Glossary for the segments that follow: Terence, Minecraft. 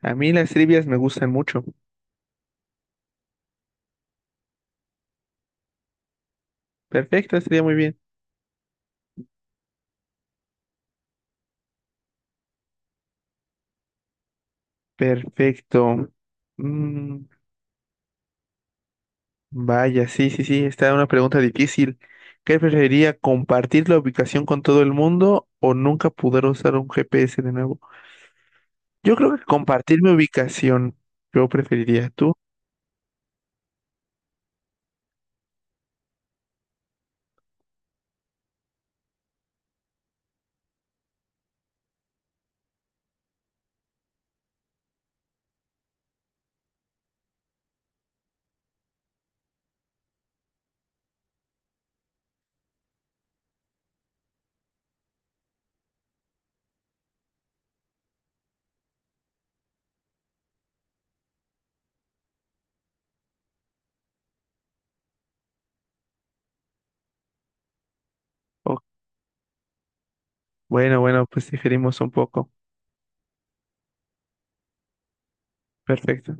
A mí las trivias me gustan mucho. Perfecto, estaría muy bien. Perfecto. Mm, Vaya, sí, sí, sí, está una pregunta difícil. ¿Qué preferiría, compartir la ubicación con todo el mundo o nunca poder usar un GPS de nuevo? Yo creo que compartir mi ubicación, yo preferiría. ¿Tú? Oh, bueno, bueno, pues diferimos un poco. Perfecto.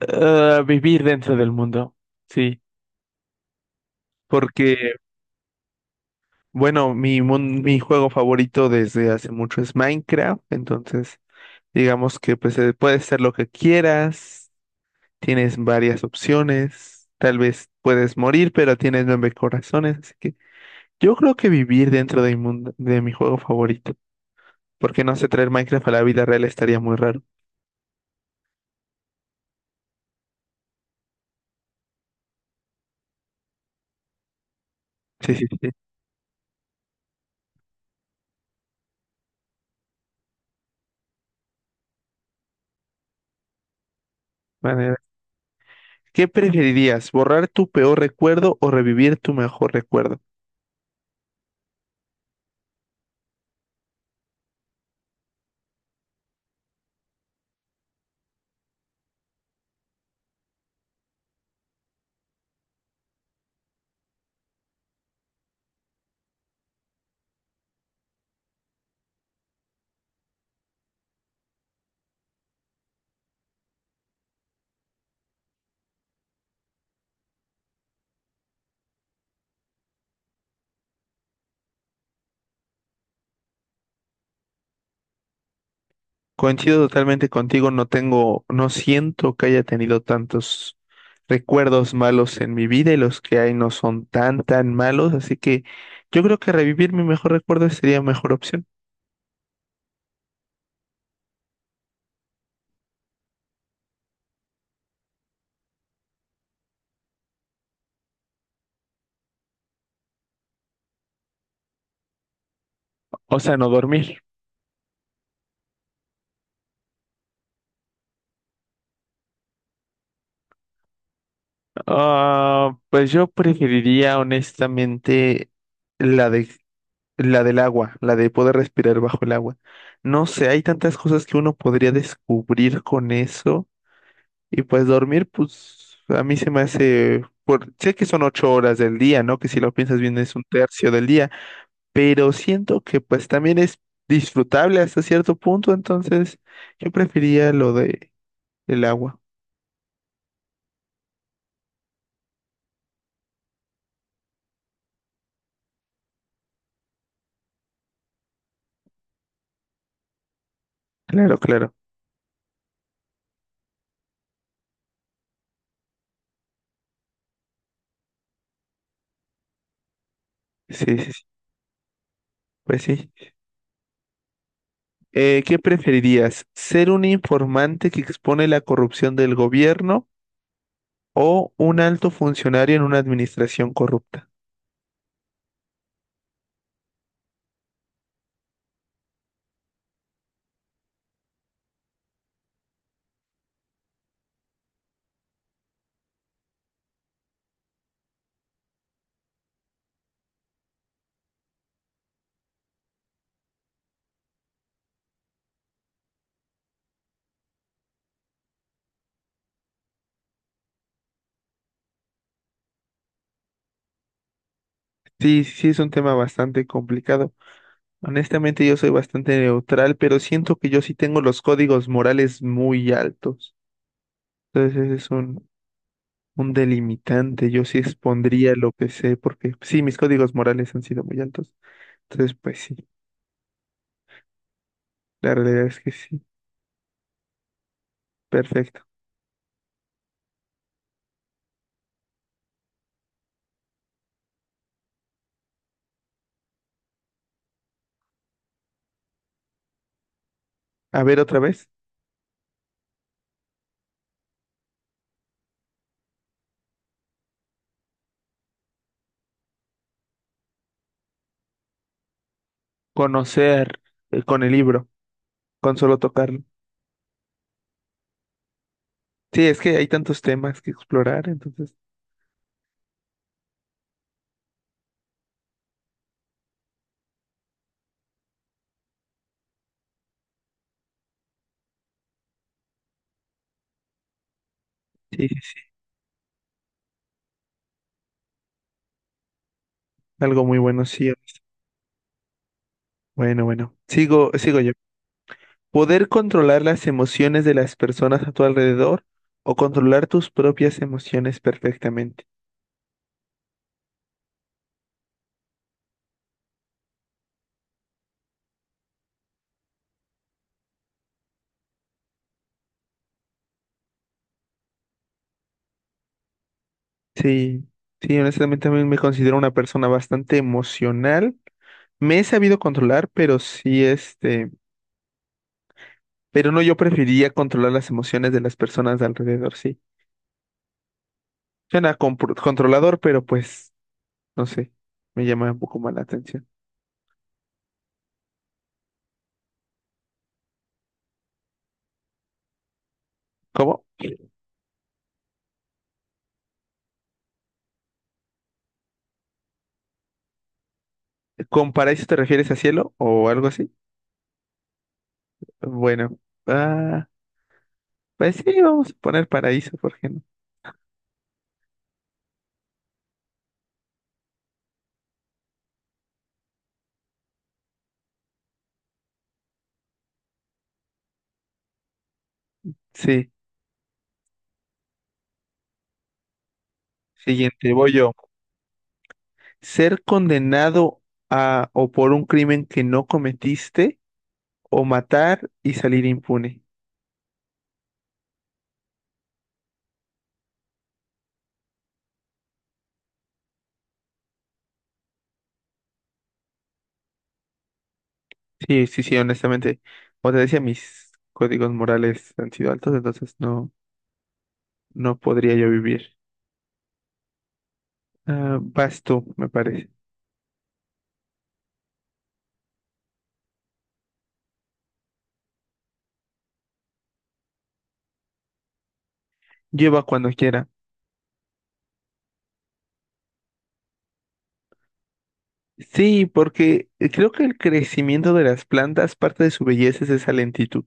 Ah, vivir dentro del mundo, sí, porque, bueno, mi juego favorito desde hace mucho es Minecraft, entonces... Digamos que pues puedes ser lo que quieras, tienes varias opciones, tal vez puedes morir, pero tienes nueve corazones, así que yo creo que vivir dentro de mi mundo, de mi juego favorito, porque no sé, traer Minecraft a la vida real estaría muy raro. Sí, sí, sí. Vale, ¿qué preferirías, borrar tu peor recuerdo o revivir tu mejor recuerdo? Coincido totalmente contigo, no tengo, no siento que haya tenido tantos recuerdos malos en mi vida y los que hay no son tan, tan malos, así que yo creo que revivir mi mejor recuerdo sería mejor opción. O sea, no dormir. Ah, pues yo preferiría honestamente la de, la del agua, la de poder respirar bajo el agua. No sé, hay tantas cosas que uno podría descubrir con eso. Y pues dormir, pues a mí se me hace, por, sé que son ocho horas del día, ¿no? Que si lo piensas bien es un tercio del día, pero siento que pues también es disfrutable hasta cierto punto, entonces yo prefería lo de el agua. Claro, claro. Sí, sí, sí. Pues sí. ¿Qué preferirías? ¿Ser un informante que expone la corrupción del gobierno o un alto funcionario en una administración corrupta? Sí, sí, sí, es un tema bastante complicado. Honestamente, yo soy bastante neutral, pero siento que yo sí tengo los códigos morales muy altos. Entonces, ese es un delimitante. Yo sí expondría lo que sé, porque sí, mis códigos morales han sido muy altos. Entonces, pues sí, la realidad es que sí. Perfecto. A ver, otra vez. Conocer con el libro, con solo tocarlo. Sí, es que hay tantos temas que explorar, entonces, sí, sí, sí, algo muy bueno, sí. Bueno, bueno. Sigo, sigo yo. Poder controlar las emociones de las personas a tu alrededor o controlar tus propias emociones perfectamente. Sí, sí, honestamente también me considero una persona bastante emocional. Me he sabido controlar, pero sí, este, pero no, yo preferiría controlar las emociones de las personas de alrededor, sí. Controlador, pero pues, no sé, me llama un poco más la atención. ¿Cómo? ¿Con paraíso te refieres a cielo o algo así? Bueno, ah, pues sí, vamos a poner paraíso, ¿por qué no? Sí. Siguiente, voy yo. Ser condenado a o por un crimen que no cometiste o matar y salir impune. Sí, sí, sí, honestamente. Como te decía, mis códigos morales han sido altos, entonces no, no podría yo vivir. Ah, vas tú, me parece. Lleva cuando quiera. Sí, porque creo que el crecimiento de las plantas, parte de su belleza es esa lentitud.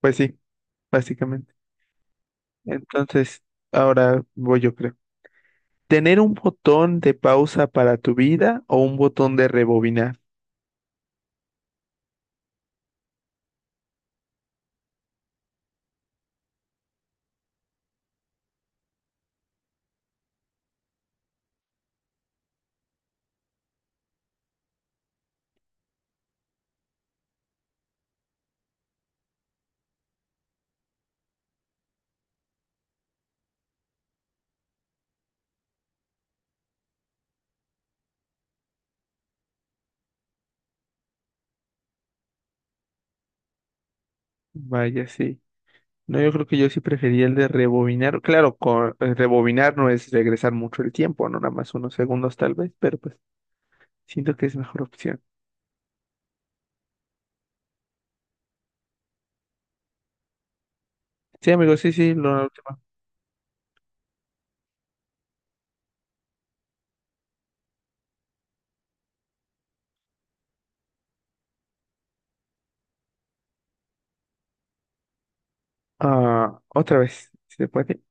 Pues sí, básicamente. Entonces, ahora voy yo, creo. Tener un botón de pausa para tu vida o un botón de rebobinar. Vaya, sí. No, yo creo que yo sí prefería el de rebobinar. Rebobinar no es regresar mucho el tiempo, no nada más unos segundos tal vez, pero pues siento que es mejor opción. Sí, amigo, sí, sí. Otra vez, si se puede.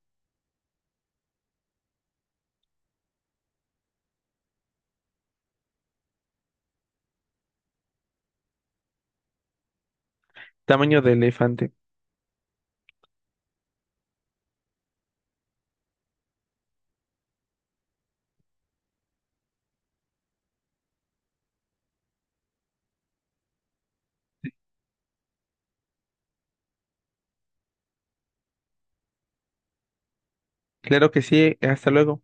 Tamaño de elefante. Claro que sí, hasta luego.